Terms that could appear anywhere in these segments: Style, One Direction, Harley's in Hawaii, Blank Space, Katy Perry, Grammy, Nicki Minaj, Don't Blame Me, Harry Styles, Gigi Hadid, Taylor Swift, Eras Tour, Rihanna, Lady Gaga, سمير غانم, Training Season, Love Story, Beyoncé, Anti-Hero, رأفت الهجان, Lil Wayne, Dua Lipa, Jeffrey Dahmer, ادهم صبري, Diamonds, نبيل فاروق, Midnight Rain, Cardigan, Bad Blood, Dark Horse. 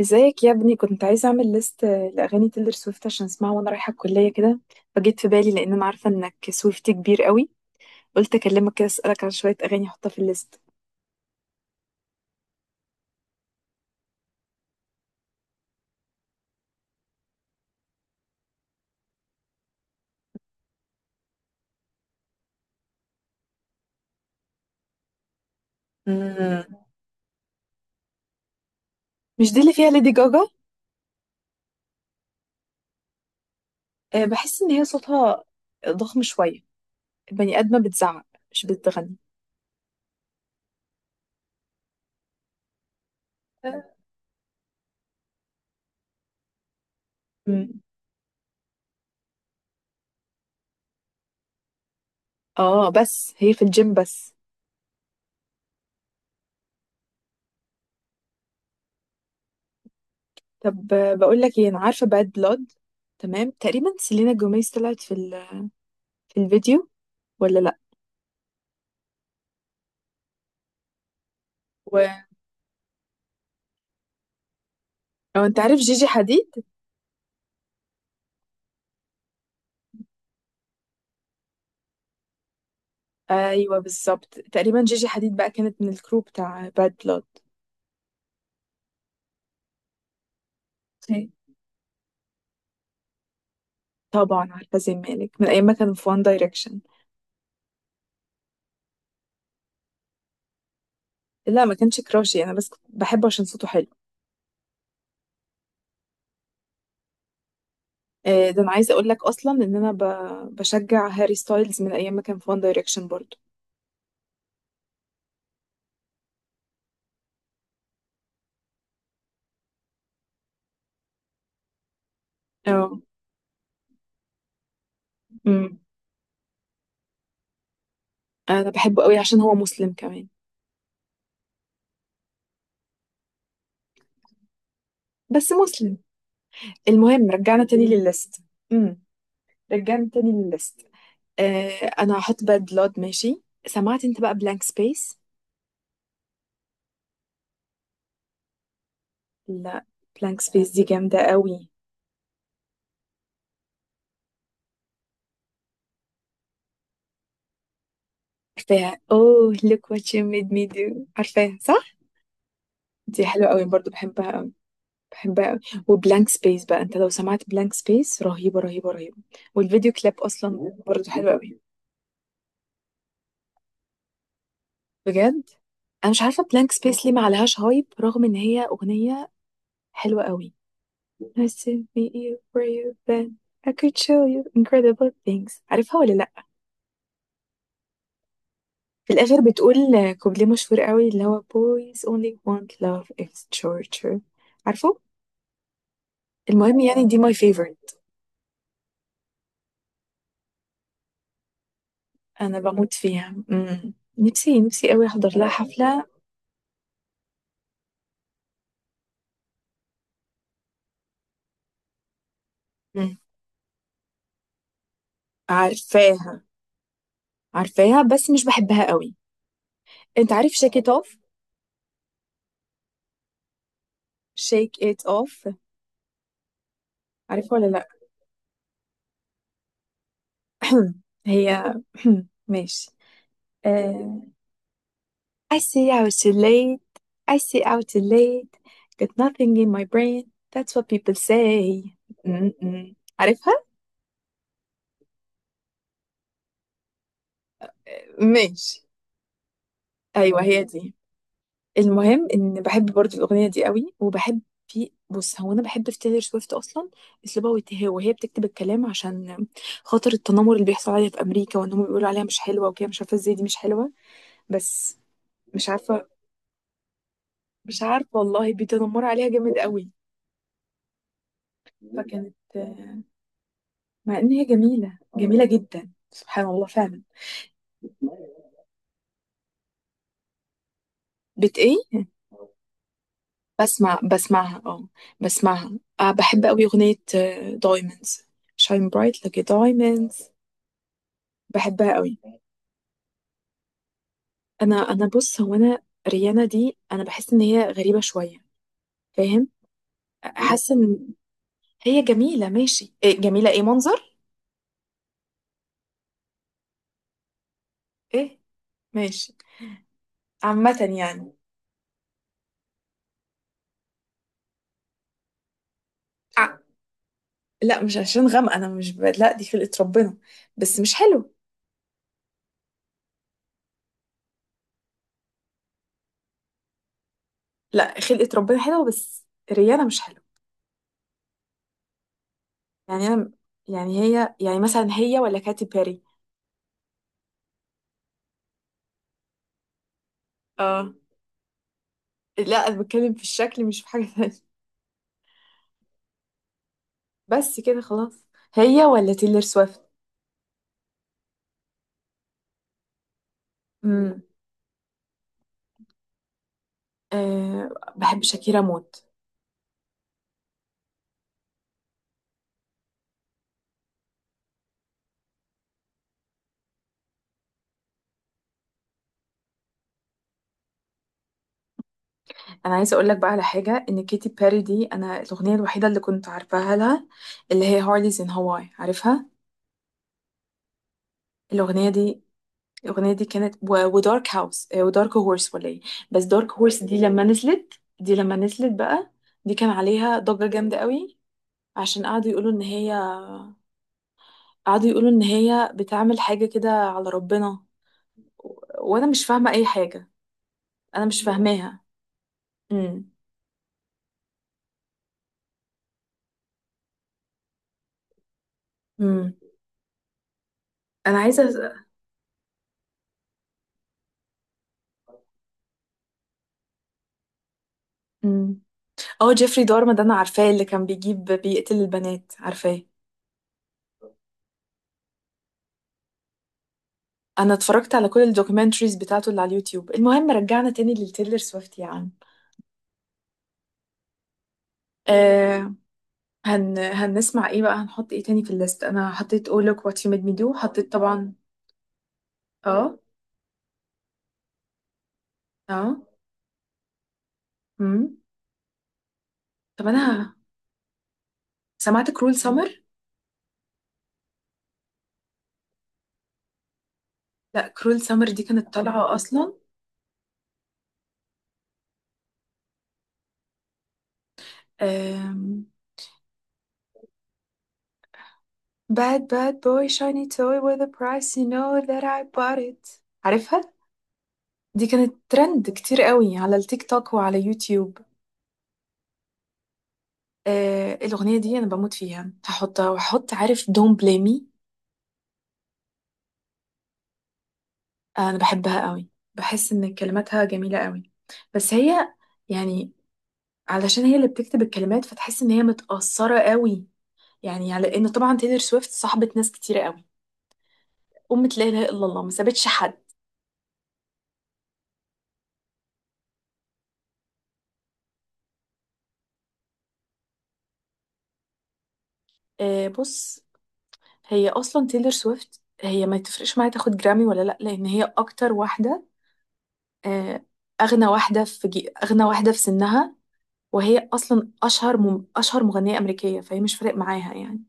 ازيك يا ابني؟ كنت عايزة اعمل ليست لاغاني تيلر سويفت عشان اسمعها وانا رايحة الكلية كده. فجيت في بالي لان انا عارفة انك سويفتي كبير قوي. قلت اكلمك كده، اسالك عن شوية اغاني احطها في الليست. مم. مش دي اللي فيها ليدي جاجا؟ بحس ان هي صوتها ضخم شوية. البني ادمة بتزعق مش بتغني. مم. اه، بس هي في الجيم بس. طب، بقول لك ايه، انا عارفة باد بلاد. تمام، تقريبا سيلينا جوميز طلعت في الفيديو ولا لا؟ و... او انت عارف جيجي حديد؟ ايوه، بالظبط، تقريبا جيجي حديد بقى كانت من الكروب بتاع باد بلود. اوكي. طبعا عارفه زي مالك من ايام ما كانوا في وان دايركشن. لا، ما كانش كراشي، انا بس كنت بحبه عشان صوته حلو. ده انا عايزه اقول لك اصلا ان انا بشجع هاري ستايلز من ايام ما كان في وان دايركشن برضو. اه. امم انا بحبه قوي عشان هو مسلم كمان. بس مسلم. المهم، رجعنا تاني للليست. امم رجعنا تاني للليست. آه، انا هحط باد بلود، ماشي. سمعت انت بقى بلانك سبيس؟ لا. بلانك سبيس دي جامدة قوي. عارفاها، اوه look what you made me do، عارفاها صح؟ دي حلوة قوي برضو، بحبها قوي. بحبها قوي. وبلانك سبيس بقى، انت لو سمعت بلانك سبيس رهيبة، رهيبة، رهيبة. والفيديو كليب اصلا برضو حلو قوي. بجد؟ انا مش عارفة بلانك سبيس ليه ما عليهاش هايب رغم ان هي اغنية حلوة قوي. Nice to meet you were you then، I could show you incredible things، عارفها ولا لا؟ في الآخر بتقول، كوبليه مشهور قوي اللي هو boys only want love is torture، عارفه؟ المهم، يعني دي my favorite. أنا بموت فيها. مم. نفسي، نفسي قوي أحضر لها حفلة. مم. عارفاها. عارفاها بس مش بحبها قوي. أنت عارف shake it off؟ Shake it off. عارفه ولا لأ؟ هي ماشي. آه... I see out too late. I see out too late. Got nothing in my brain. That's what people say. م- م. عارفها. ماشي. ايوه، هي دي. المهم ان بحب برضو الاغنيه دي قوي، وبحب. بص، هو انا بحب في تايلور سويفت اصلا، اسلوبها وهي بتكتب الكلام عشان خاطر التنمر اللي بيحصل عليها في امريكا، وان هم بيقولوا عليها مش حلوه وكده، مش عارفه ازاي دي مش حلوه. بس. مش عارفه، مش عارفه والله، بيتنمروا عليها جامد قوي. فكانت. مع ان هي جميله جميله جدا، سبحان الله فعلا. بت ايه؟ بسمعها اه. بسمعها. أه، بحب قوي أغنية دايموندز. شاين برايت لك دايموندز. بحبها قوي. انا، بص، هو انا، ريانا دي انا بحس ان هي غريبة شوية. فاهم؟ حاسة ان هي جميلة، ماشي، إيه جميلة؟ ايه منظر؟ ايه. ماشي. عامة يعني. ع- لا، مش عشان غامقة، انا مش ب... لا دي خلقة ربنا. بس مش حلو. لا، خلقة ربنا حلوة بس ريانا مش حلوة. يعني انا، يعني هي، يعني مثلا هي ولا كاتي بيري؟ اه. لا، انا بتكلم في الشكل مش في حاجة تانية. بس كده خلاص. هي ولا تيلر سويفت؟ امم أه، بحب شاكيرا موت. انا عايزه اقول لك بقى على حاجه، ان كيتي بيري دي انا الاغنيه الوحيده اللي كنت عارفاها لها، اللي هي هارليز ان هواي، عارفها. الاغنيه دي الاغنيه دي كانت ودارك هاوس، ودارك هورس ولا ايه؟ بس دارك هورس دي لما نزلت بقى، دي كان عليها ضجه جامده قوي. عشان قعدوا يقولوا ان هي بتعمل حاجه كده على ربنا، وانا مش فاهمه اي حاجه. انا مش فاهماها. امم امم انا عايزه. امم اه جيفري دارما ده انا عارفاه اللي كان بيجيب بيقتل البنات، عارفاه. انا اتفرجت على كل الدوكيومنتريز بتاعته اللي على اليوتيوب. المهم، رجعنا تاني للتيلر سويفت يا عم. آه هنسمع ايه بقى؟ هنحط ايه تاني في الليست؟ انا حطيت oh look what you made me do، حطيت طبعا. اه، اه. امم طب، انا سمعت كرول سمر. لا، كرول سمر دي كانت طالعه اصلا. آه Bad bad boy shiny toy with a price you know that I bought it، عارفها؟ دي كانت ترند كتير قوي على التيك توك وعلى يوتيوب. الأغنية دي أنا بموت فيها، هحطها. وهحط عارف Don't Blame Me. أنا بحبها قوي، بحس إن كلماتها جميلة قوي. بس هي يعني، علشان هي اللي بتكتب الكلمات فتحس إن هي متأثرة قوي. يعني على إن طبعا تيلر سويفت صاحبة ناس كتير قوي، أمة لا إله إلا الله، ما سابتش حد. بص، هي اصلا تيلر سويفت هي ما تفرقش معايا تاخد جرامي ولا لا، لان هي اكتر واحده، آه، اغنى واحده في سنها، وهي اصلا اشهر مغنيه امريكيه، فهي مش فارق معاها يعني.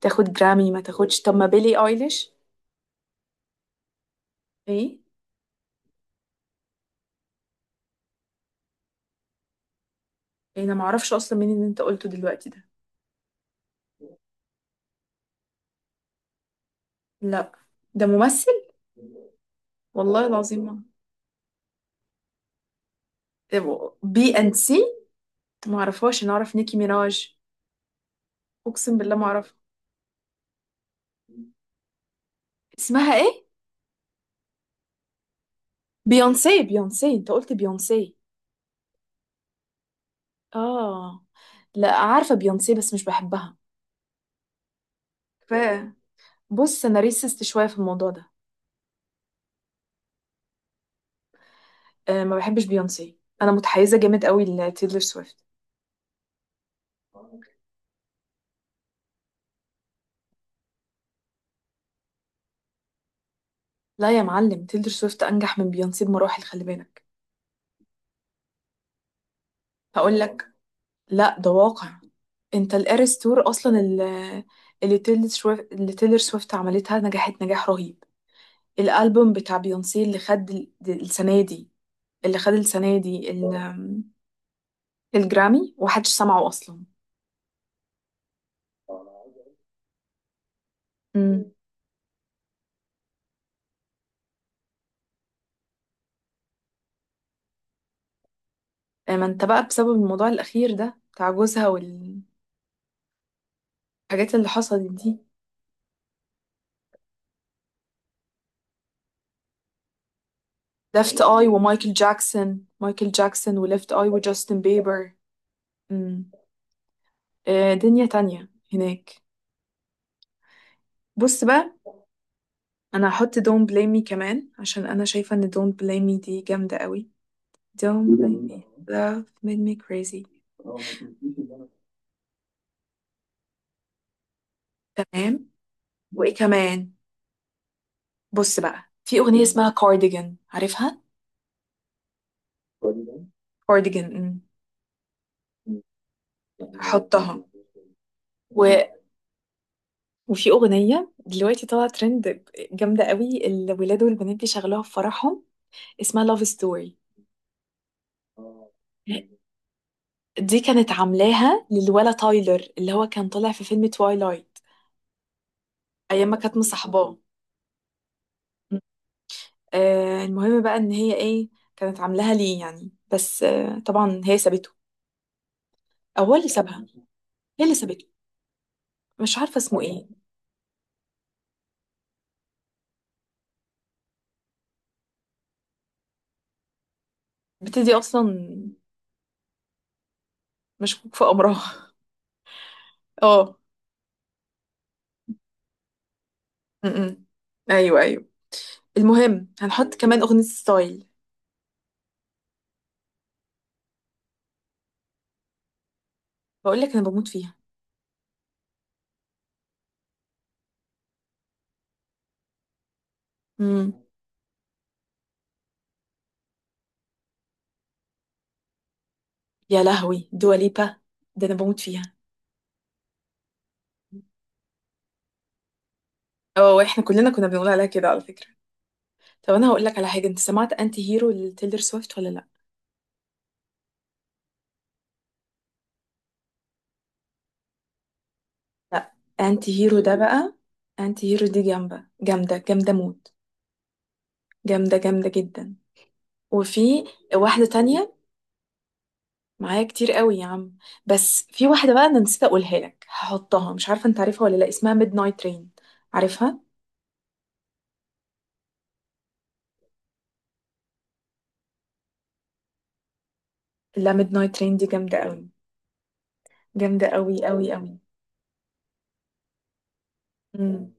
تاخد جرامي ما تاخدش. طب، ما بيلي ايليش. ايه؟ إيه، انا ما اعرفش اصلا مين اللي انت قلته دلوقتي ده. لا، ده ممثل. والله العظيم ما، بي اند سي، ما اعرفهاش، انا اعرف نيكي ميناج. اقسم بالله ما اعرفها. اسمها ايه؟ بيونسي؟ بيونسي؟ انت قلت بيونسي؟ اه. لا، عارفة بيونسي بس مش بحبها. كفايه. بص، انا ريسست شوية في الموضوع ده. أه، ما بحبش بيونسي، انا متحيزة جامد قوي لتيلر سويفت. لا يا معلم، تيلر سويفت انجح من بيونسي بمراحل، خلي بالك. هقول لك. لا، ده واقع. انت الاريس تور اصلا اللي تيلر سويفت عملتها نجحت نجاح رهيب. الالبوم بتاع بيونسي اللي خد السنة دي الجرامي، ومحدش سمعه اصلا. ما انت بقى بسبب الموضوع الأخير ده بتاع جوزها والحاجات اللي حصلت دي. ليفت اي ومايكل جاكسون مايكل جاكسون وليفت اي وجاستن بيبر. امم دنيا تانية هناك. بص بقى، انا هحط دون بليم مي كمان، عشان انا شايفة ان دون بليم مي دي جامدة قوي. دون بليم مي love made me crazy. تمام. وايه كمان؟ بص بقى، في أغنية اسمها كارديجان، عارفها؟ كارديجان. هحطها. وفي أغنية دلوقتي طالعة ترند، جامدة قوي، الولاد والبنات بيشغلوها في فرحهم، اسمها لاف ستوري. دي كانت عاملاها للولا تايلر اللي هو كان طالع في فيلم توايلايت، أيام ما كانت مصاحباه. المهم بقى إن هي إيه، كانت عاملاها ليه يعني، بس طبعا هي سابته. أو هو اللي سابها. هي اللي سابته، مش عارفة اسمه إيه. بتدي أصلا، مشكوك في أمرها. اه. م-م. أيوه، أيوه. المهم هنحط كمان أغنية ستايل. بقول لك أنا بموت فيها. امم يا لهوي دواليبا، ده انا بموت فيها. اه، احنا كلنا كنا بنقول عليها كده على فكرة. طب، انا هقول لك على حاجة، انت سمعت انتي هيرو لتيلر سويفت ولا لا؟ لا. انتي هيرو ده بقى، انتي هيرو دي جامدة، جامدة، جامدة موت. جامدة، جامدة جدا. وفي واحدة تانية معايا كتير قوي يا عم. بس في واحدة بقى انا نسيت اقولها لك، هحطها، مش عارفة انت عارفها ولا لا، اسمها ميد نايت رين، عارفها؟ لا، ميد نايت رين دي جامدة قوي، جامدة قوي، قوي، قوي. مم.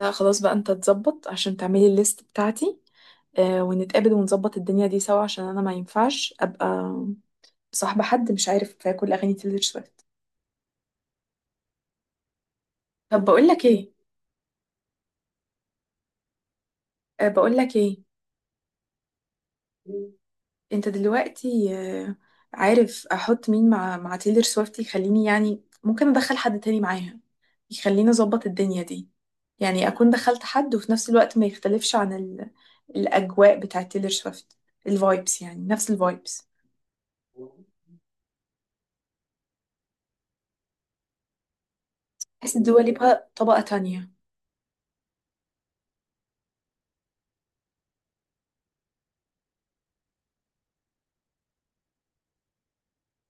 لا خلاص بقى، انت تظبط عشان تعملي الليست بتاعتي. ونتقابل ونظبط الدنيا دي سوا، عشان انا ما ينفعش ابقى صاحبة حد مش عارف كل اغاني تيلور سويفت. طب، بقول لك ايه؟ بقول لك ايه. انت دلوقتي، عارف احط مين مع تيلور سويفت يخليني، يعني ممكن ادخل حد تاني معاها، يخليني اظبط الدنيا دي. يعني اكون دخلت حد وفي نفس الوقت ما يختلفش عن الاجواء بتاعت تيلور سويفت. الفايبس، يعني نفس الفايبس. بحس الدول يبقى طبقة تانية.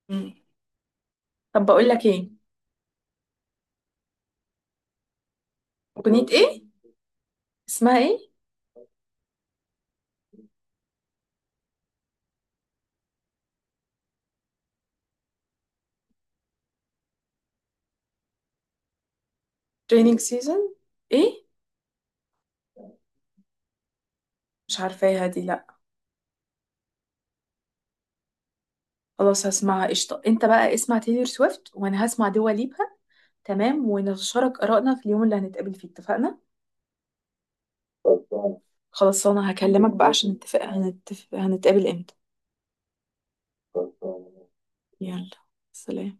مم. طب، بقول لك ايه. اغنية ايه؟ اسمها ايه؟ Training season. ايه؟ مش عارفاها دي، لا. خلاص، هسمعها. قشطة، انت بقى اسمع تايلور سويفت وانا هسمع دوا ليبا. تمام، ونتشارك آرائنا في اليوم اللي هنتقابل فيه، اتفقنا؟ خلاص، انا هكلمك بقى عشان نتفق. هنتفق هنتقابل امتى؟ يلا. سلام.